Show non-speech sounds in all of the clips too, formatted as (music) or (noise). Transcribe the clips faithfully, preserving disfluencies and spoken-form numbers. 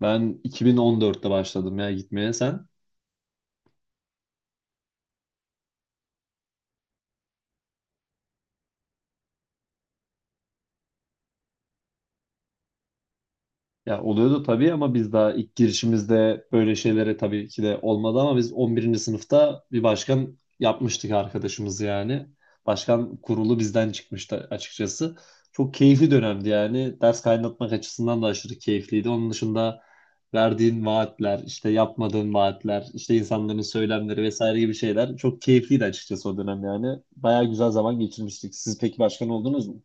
Ben iki bin on dörtte başladım ya gitmeye sen. Ya oluyordu tabii ama biz daha ilk girişimizde böyle şeylere tabii ki de olmadı ama biz on birinci sınıfta bir başkan yapmıştık arkadaşımız yani. Başkan kurulu bizden çıkmıştı açıkçası. Çok keyifli dönemdi yani. Ders kaynatmak açısından da aşırı keyifliydi. Onun dışında verdiğin vaatler, işte yapmadığın vaatler, işte insanların söylemleri vesaire gibi şeyler çok keyifliydi açıkçası o dönem yani. Bayağı güzel zaman geçirmiştik. Siz peki başkan oldunuz mu?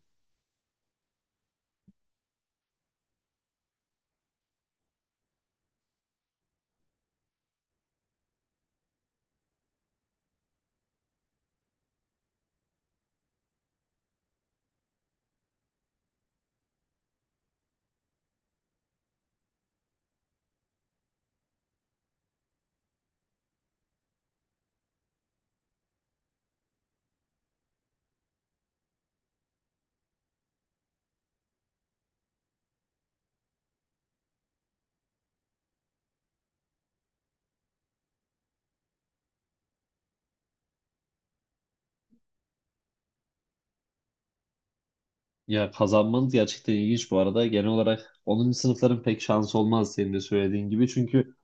Ya kazanmanız gerçekten ilginç bu arada. Genel olarak onuncu sınıfların pek şansı olmaz senin de söylediğin gibi. Çünkü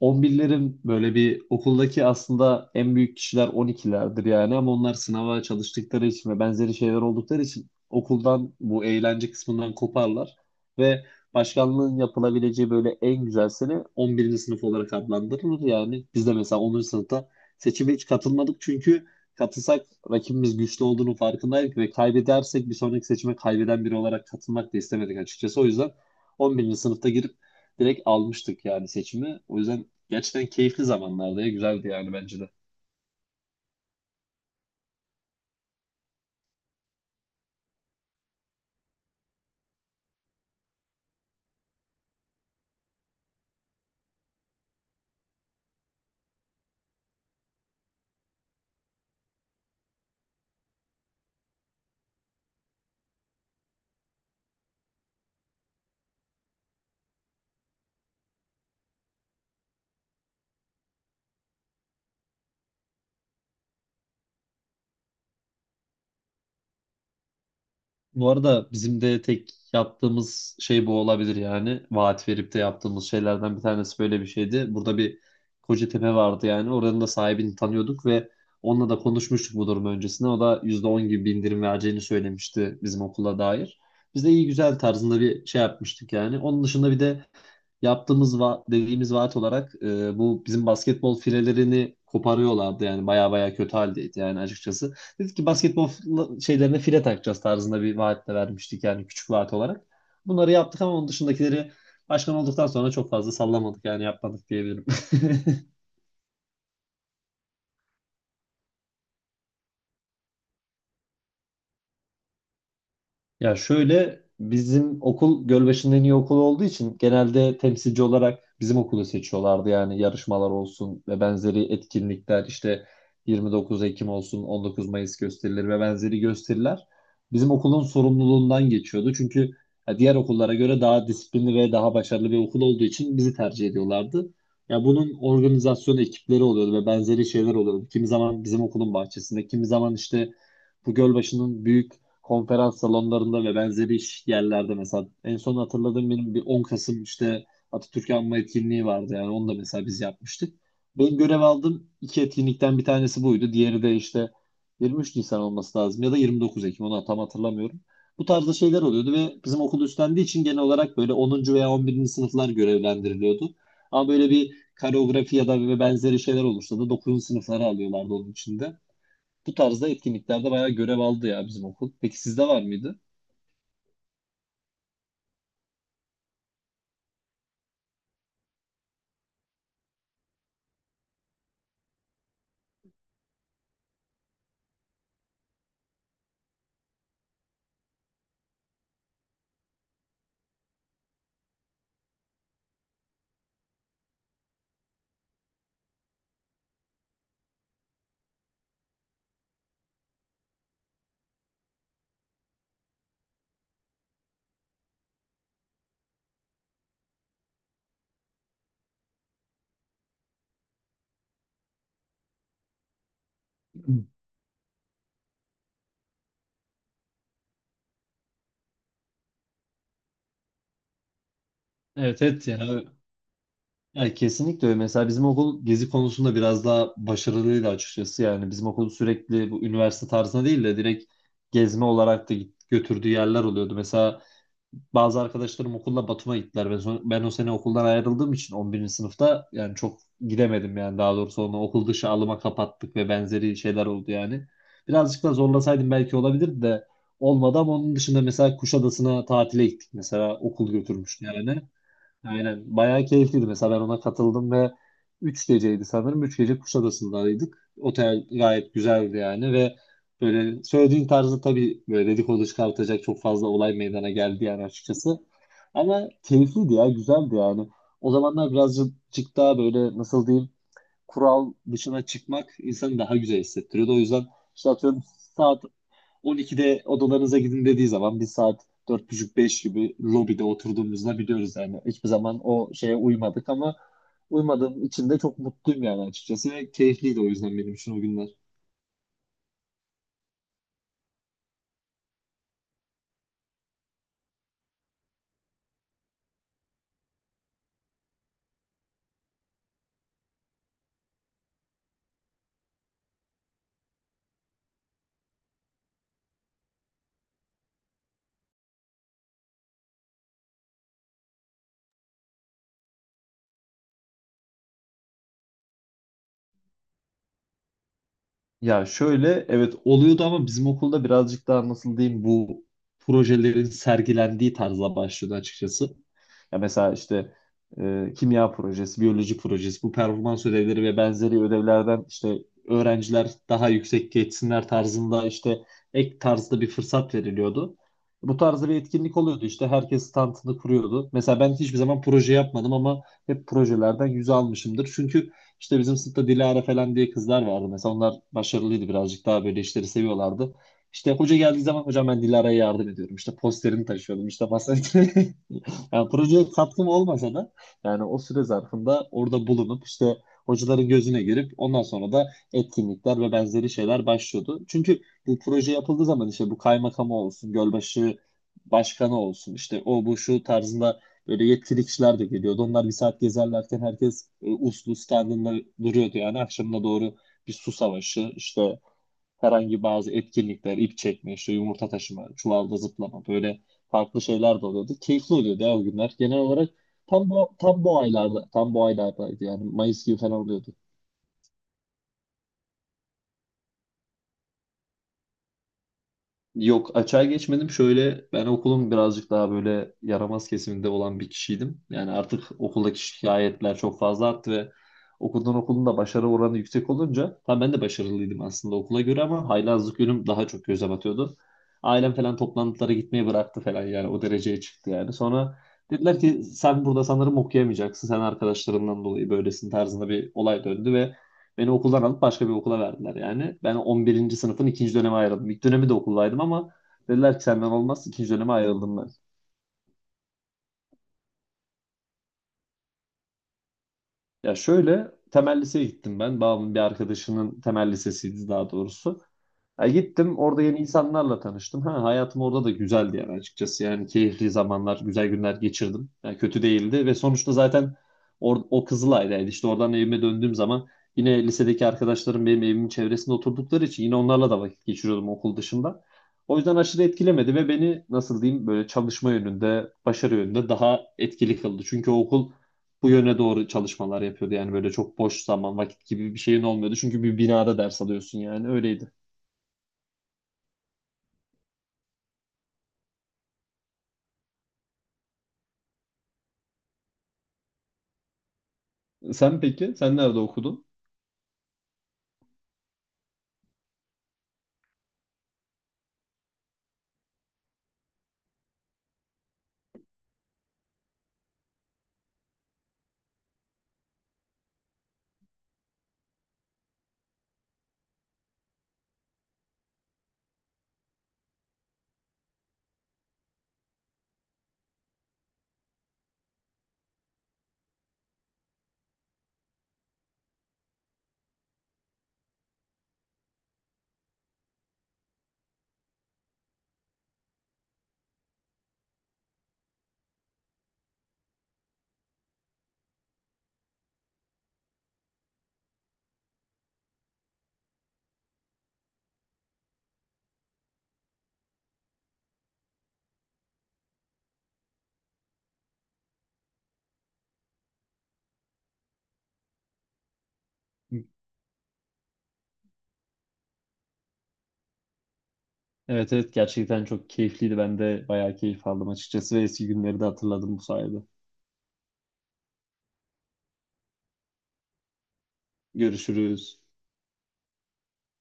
on birlerin böyle bir okuldaki aslında en büyük kişiler on ikilerdir yani ama onlar sınava çalıştıkları için ve benzeri şeyler oldukları için okuldan bu eğlence kısmından koparlar ve başkanlığın yapılabileceği böyle en güzel sene on birinci sınıf olarak adlandırılır yani biz de mesela onuncu sınıfta seçime hiç katılmadık çünkü katılsak rakibimiz güçlü olduğunu farkındaydık ve kaybedersek bir sonraki seçime kaybeden biri olarak katılmak da istemedik açıkçası o yüzden on birinci sınıfta girip direkt almıştık yani seçimi. O yüzden gerçekten keyifli zamanlardı ya. Güzeldi yani bence de. Bu arada bizim de tek yaptığımız şey bu olabilir yani. Vaat verip de yaptığımız şeylerden bir tanesi böyle bir şeydi. Burada bir Kocatepe vardı yani. Oranın da sahibini tanıyorduk ve onunla da konuşmuştuk bu durum öncesinde. O da yüzde on gibi bir indirim vereceğini söylemişti bizim okula dair. Biz de iyi güzel tarzında bir şey yapmıştık yani. Onun dışında bir de yaptığımız va dediğimiz vaat olarak e, bu bizim basketbol filelerini koparıyorlardı yani baya baya kötü haldeydi yani açıkçası. Dedik ki basketbol şeylerine file takacağız tarzında bir vaatle vermiştik yani küçük vaat olarak. Bunları yaptık ama onun dışındakileri başkan olduktan sonra çok fazla sallamadık yani yapmadık diyebilirim. Ya şöyle bizim okul Gölbaşı'nın en iyi okulu olduğu için genelde temsilci olarak bizim okulu seçiyorlardı. Yani yarışmalar olsun ve benzeri etkinlikler işte yirmi dokuz Ekim olsun on dokuz Mayıs gösterileri ve benzeri gösteriler bizim okulun sorumluluğundan geçiyordu. Çünkü ya, diğer okullara göre daha disiplinli ve daha başarılı bir okul olduğu için bizi tercih ediyorlardı. Ya bunun organizasyon ekipleri oluyordu ve benzeri şeyler oluyordu. Kimi zaman bizim okulun bahçesinde, kimi zaman işte bu Gölbaşı'nın büyük konferans salonlarında ve benzeri iş yerlerde mesela en son hatırladığım benim bir on Kasım işte Atatürk Anma etkinliği vardı yani onu da mesela biz yapmıştık. Ben görev aldığım iki etkinlikten bir tanesi buydu. Diğeri de işte yirmi üç Nisan olması lazım ya da yirmi dokuz Ekim onu tam hatırlamıyorum. Bu tarzda şeyler oluyordu ve bizim okul üstlendiği için genel olarak böyle onuncu veya on birinci sınıflar görevlendiriliyordu. Ama böyle bir koreografi ya da ve benzeri şeyler olursa da dokuzuncu sınıfları alıyorlardı onun içinde. Bu tarzda etkinliklerde bayağı görev aldı ya bizim okul. Peki sizde var mıydı? Evet, evet ya. Ya kesinlikle öyle. Mesela bizim okul gezi konusunda biraz daha başarılıydı açıkçası. Yani bizim okul sürekli bu üniversite tarzına değil de direkt gezme olarak da git- götürdüğü yerler oluyordu. Mesela bazı arkadaşlarım okulda Batum'a gittiler. Ben, son- ben o sene okuldan ayrıldığım için on birinci sınıfta yani çok gidemedim yani daha doğrusu onu okul dışı alıma kapattık ve benzeri şeyler oldu yani. Birazcık da zorlasaydım belki olabilirdi de olmadı ama onun dışında mesela Kuşadası'na tatile gittik mesela okul götürmüştü yani. Aynen. Bayağı keyifliydi mesela ben ona katıldım ve üç geceydi sanırım. Üç gece Kuşadası'ndaydık. Otel gayet güzeldi yani ve böyle söylediğin tarzda tabii böyle dedikodu çıkartacak çok fazla olay meydana geldi yani açıkçası. Ama keyifliydi ya güzeldi yani. O zamanlar birazcık daha böyle nasıl diyeyim kural dışına çıkmak insanı daha güzel hissettiriyordu. O yüzden işte atıyorum saat on ikide odalarınıza gidin dediği zaman bir saat dört buçuk-beş gibi lobide oturduğumuzda biliyoruz yani. Hiçbir zaman o şeye uymadık ama uymadığım için de çok mutluyum yani açıkçası. Ve keyifliydi o yüzden benim için o günler. Ya şöyle evet oluyordu ama bizim okulda birazcık daha nasıl diyeyim bu projelerin sergilendiği tarzla başlıyordu açıkçası. Ya mesela işte e, kimya projesi, biyoloji projesi, bu performans ödevleri ve benzeri ödevlerden işte öğrenciler daha yüksek geçsinler tarzında işte ek tarzda bir fırsat veriliyordu. Bu tarzda bir etkinlik oluyordu işte herkes standını kuruyordu. Mesela ben hiçbir zaman proje yapmadım ama hep projelerden yüz almışımdır. Çünkü işte bizim sınıfta Dilara falan diye kızlar vardı. Mesela onlar başarılıydı birazcık daha böyle işleri seviyorlardı. İşte hoca geldiği zaman hocam ben Dilara'ya yardım ediyorum. İşte posterini taşıyordum İşte basansörü. (laughs) Yani projeye katkım olmasa da yani o süre zarfında orada bulunup işte hocaların gözüne girip ondan sonra da etkinlikler ve benzeri şeyler başlıyordu. Çünkü bu proje yapıldığı zaman işte bu kaymakamı olsun, Gölbaşı başkanı olsun işte o bu şu tarzında böyle yetkili kişiler de geliyordu. Onlar bir saat gezerlerken herkes e, uslu standında duruyordu. Yani akşamına doğru bir su savaşı, işte herhangi bazı etkinlikler, ip çekme, işte yumurta taşıma, çuvalda zıplama böyle farklı şeyler de oluyordu. Keyifli oluyordu ya o günler. Genel olarak tam bu, tam bu aylarda, tam bu aylardaydı yani Mayıs gibi falan oluyordu. Yok açığa geçmedim. Şöyle ben okulun birazcık daha böyle yaramaz kesiminde olan bir kişiydim. Yani artık okuldaki şikayetler çok fazla arttı ve okuldan okulun da başarı oranı yüksek olunca tam ben de başarılıydım aslında okula göre ama haylazlık yönüm daha çok göze batıyordu. Ailem falan toplantılara gitmeyi bıraktı falan yani o dereceye çıktı yani. Sonra dediler ki sen burada sanırım okuyamayacaksın. Sen arkadaşlarından dolayı böylesin tarzında bir olay döndü ve beni okuldan alıp başka bir okula verdiler yani. Ben on birinci sınıfın ikinci döneme ayrıldım. İlk dönemi de okuldaydım ama dediler ki senden olmaz. İkinci döneme ayrıldım ben. Ya şöyle temel liseye gittim ben. Babamın bir arkadaşının temel lisesiydi daha doğrusu. Ya gittim orada yeni insanlarla tanıştım. Ha, hayatım orada da güzeldi yani açıkçası. Yani keyifli zamanlar, güzel günler geçirdim. Yani kötü değildi ve sonuçta zaten or- o Kızılay'daydı. İşte oradan evime döndüğüm zaman yine lisedeki arkadaşlarım benim evimin çevresinde oturdukları için yine onlarla da vakit geçiriyordum okul dışında. O yüzden aşırı etkilemedi ve beni nasıl diyeyim böyle çalışma yönünde, başarı yönünde daha etkili kıldı. Çünkü o okul bu yöne doğru çalışmalar yapıyordu. Yani böyle çok boş zaman, vakit gibi bir şeyin olmuyordu. Çünkü bir binada ders alıyorsun yani öyleydi. Sen peki, sen nerede okudun? Evet, evet gerçekten çok keyifliydi. Ben de bayağı keyif aldım açıkçası ve eski günleri de hatırladım bu sayede. Görüşürüz.